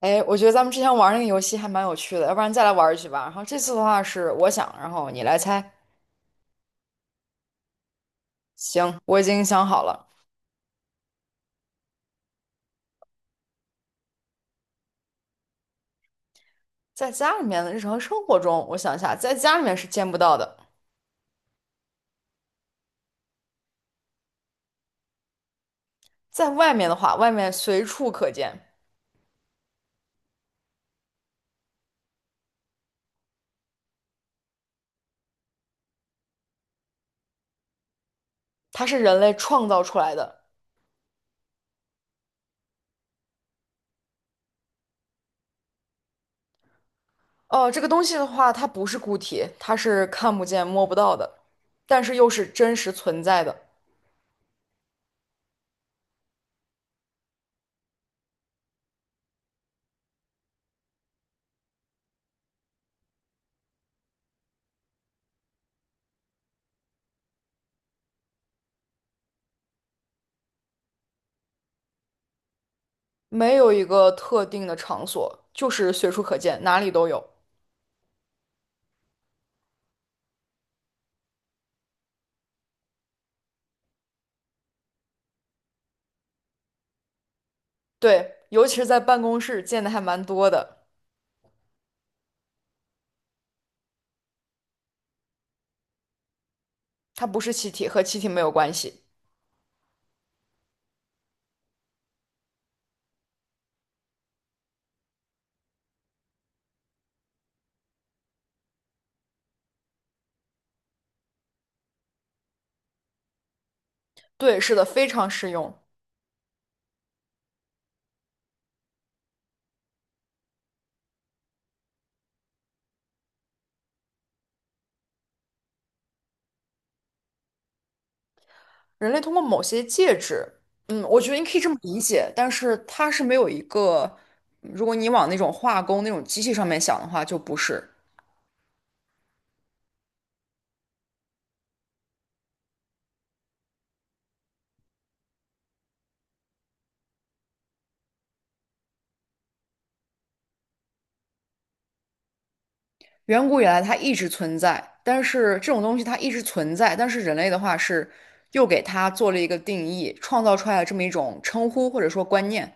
哎，我觉得咱们之前玩那个游戏还蛮有趣的，要不然再来玩一局吧。然后这次的话是我想，然后你来猜。行，我已经想好了，在家里面的日常生活中，我想一下，在家里面是见不到的，在外面的话，外面随处可见，它是人类创造出来的。哦，这个东西的话，它不是固体，它是看不见、摸不到的，但是又是真实存在的，没有一个特定的场所，就是随处可见，哪里都有。对，尤其是在办公室见的还蛮多的。它不是气体，和气体没有关系。对，是的，非常适用。人类通过某些介质，嗯，我觉得你可以这么理解，但是它是没有一个，如果你往那种化工那种机器上面想的话，就不是。远古以来它一直存在，但是这种东西它一直存在，但是人类的话是又给它做了一个定义，创造出来了这么一种称呼或者说观念，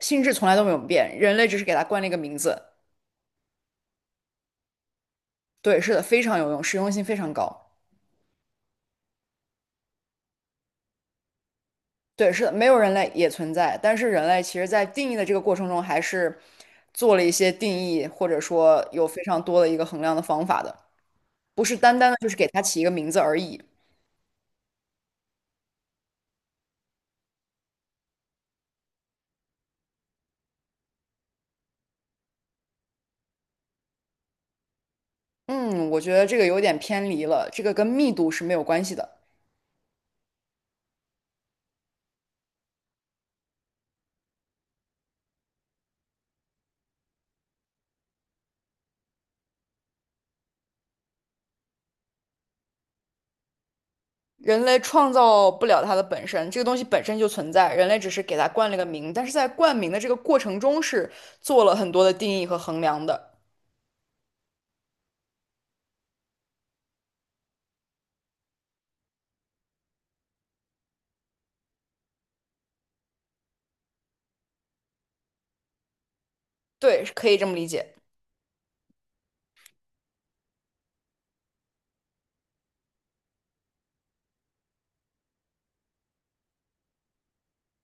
性质从来都没有变，人类只是给它冠了一个名字。对，是的，非常有用，实用性非常高。对，是的，没有人类也存在，但是人类其实在定义的这个过程中，还是做了一些定义，或者说有非常多的一个衡量的方法的，不是单单的就是给它起一个名字而已。嗯，我觉得这个有点偏离了，这个跟密度是没有关系的。人类创造不了它的本身，这个东西本身就存在，人类只是给它冠了个名，但是在冠名的这个过程中是做了很多的定义和衡量的。对，可以这么理解。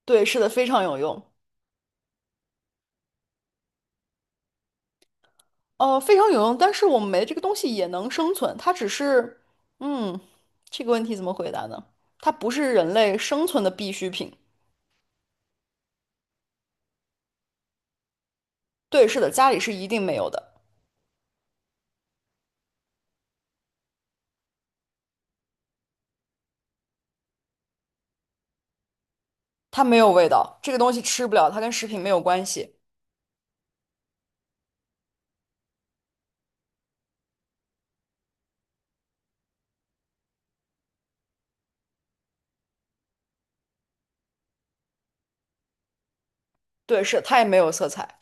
对，是的，非常有用。非常有用，但是我们没这个东西也能生存，它只是，嗯，这个问题怎么回答呢？它不是人类生存的必需品。对，是的，家里是一定没有的，它没有味道，这个东西吃不了，它跟食品没有关系。对，是的它也没有色彩。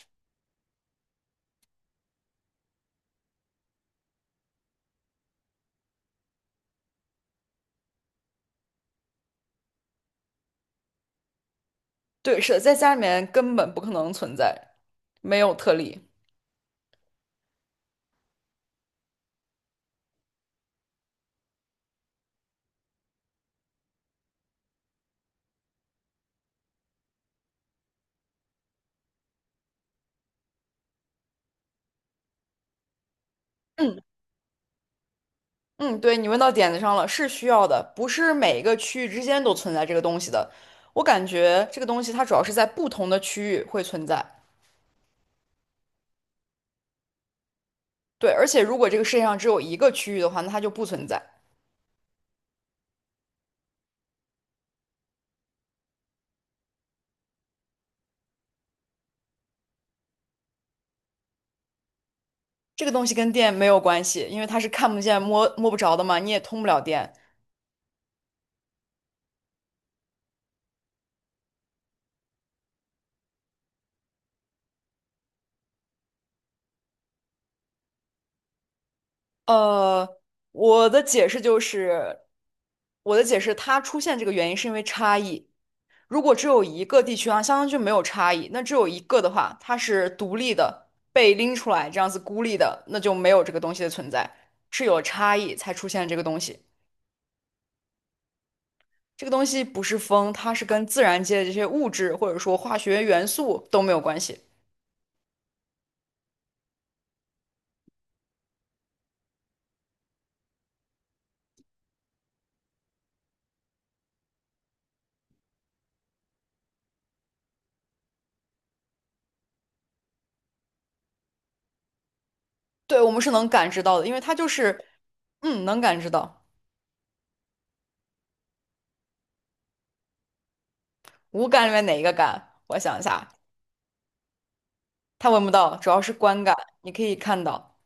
对，是的，在家里面根本不可能存在，没有特例。嗯嗯，对，你问到点子上了，是需要的，不是每一个区域之间都存在这个东西的。我感觉这个东西它主要是在不同的区域会存在。对，而且如果这个世界上只有一个区域的话，那它就不存在。这个东西跟电没有关系，因为它是看不见、摸不着的嘛，你也通不了电。呃，我的解释就是，我的解释，它出现这个原因是因为差异。如果只有一个地区啊，相当于就没有差异。那只有一个的话，它是独立的，被拎出来这样子孤立的，那就没有这个东西的存在，是有差异才出现这个东西。这个东西不是风，它是跟自然界的这些物质或者说化学元素都没有关系。对，我们是能感知到的，因为它就是，嗯，能感知到。五感里面哪一个感？我想一下，它闻不到，主要是观感，你可以看到。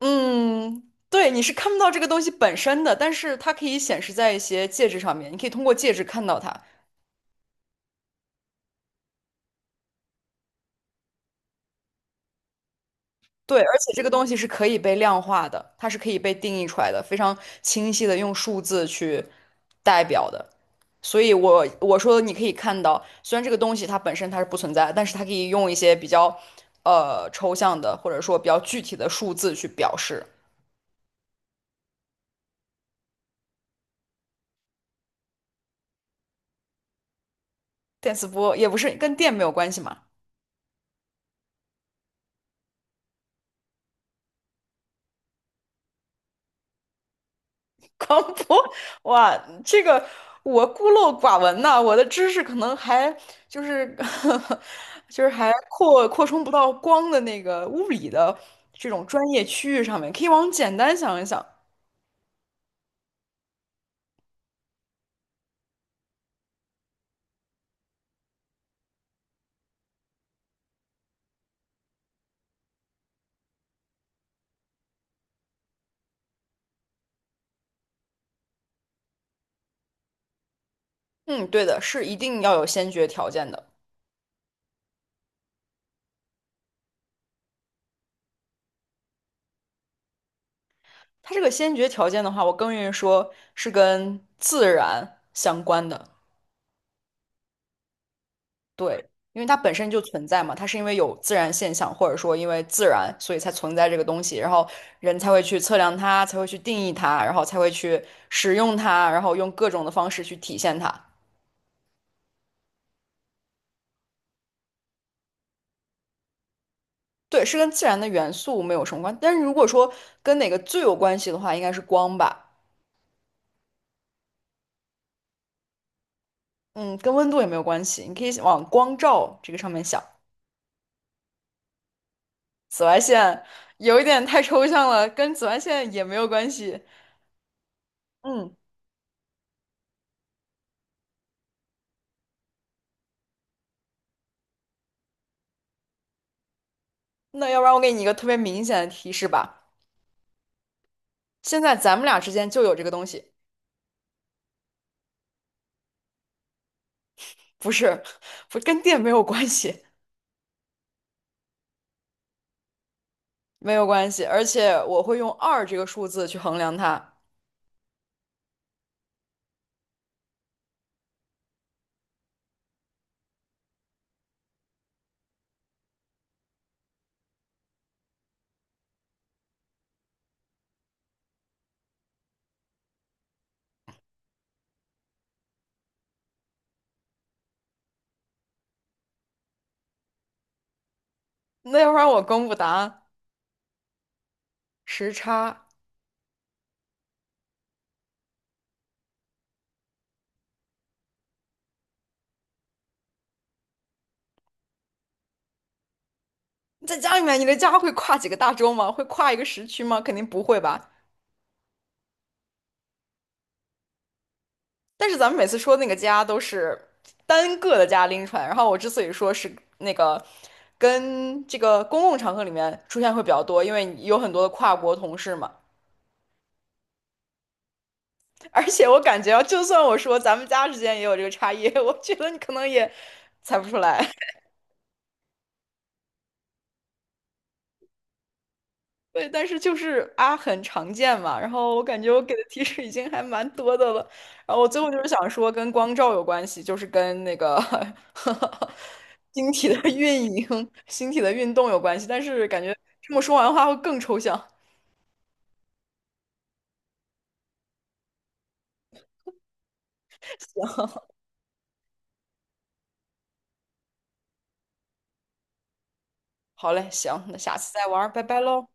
嗯，对，你是看不到这个东西本身的，但是它可以显示在一些介质上面，你可以通过介质看到它。对，而且这个东西是可以被量化的，它是可以被定义出来的，非常清晰的用数字去代表的。所以我，我说你可以看到，虽然这个东西它本身它是不存在，但是它可以用一些比较抽象的，或者说比较具体的数字去表示。电磁波也不是跟电没有关系嘛，光播，哇，这个我孤陋寡闻呐、我的知识可能还就是 就是还扩充不到光的那个物理的这种专业区域上面，可以往简单想一想。嗯，对的，是一定要有先决条件的。它这个先决条件的话，我更愿意说是跟自然相关的。对，因为它本身就存在嘛，它是因为有自然现象，或者说因为自然，所以才存在这个东西，然后人才会去测量它，才会去定义它，然后才会去使用它，然后用各种的方式去体现它。对，是跟自然的元素没有什么关但是如果说跟哪个最有关系的话，应该是光吧。嗯，跟温度也没有关系，你可以往光照这个上面想。紫外线有一点太抽象了，跟紫外线也没有关系。嗯，那要不然我给你一个特别明显的提示吧。现在咱们俩之间就有这个东西，不是，不跟电没有关系，没有关系。而且我会用二这个数字去衡量它。那要不然我公布答案，时差。在家里面，你的家会跨几个大洲吗？会跨一个时区吗？肯定不会吧。但是咱们每次说那个家都是单个的家拎出来，然后我之所以说是那个跟这个公共场合里面出现会比较多，因为有很多的跨国同事嘛。而且我感觉啊，就算我说咱们家之间也有这个差异，我觉得你可能也猜不出来。对，但是就是啊，很常见嘛。然后我感觉我给的提示已经还蛮多的了。然后我最后就是想说，跟光照有关系，就是跟那个 星体的运营、星体的运动有关系。但是感觉这么说完的话会更抽象。行，好嘞，行，那下次再玩儿拜拜喽。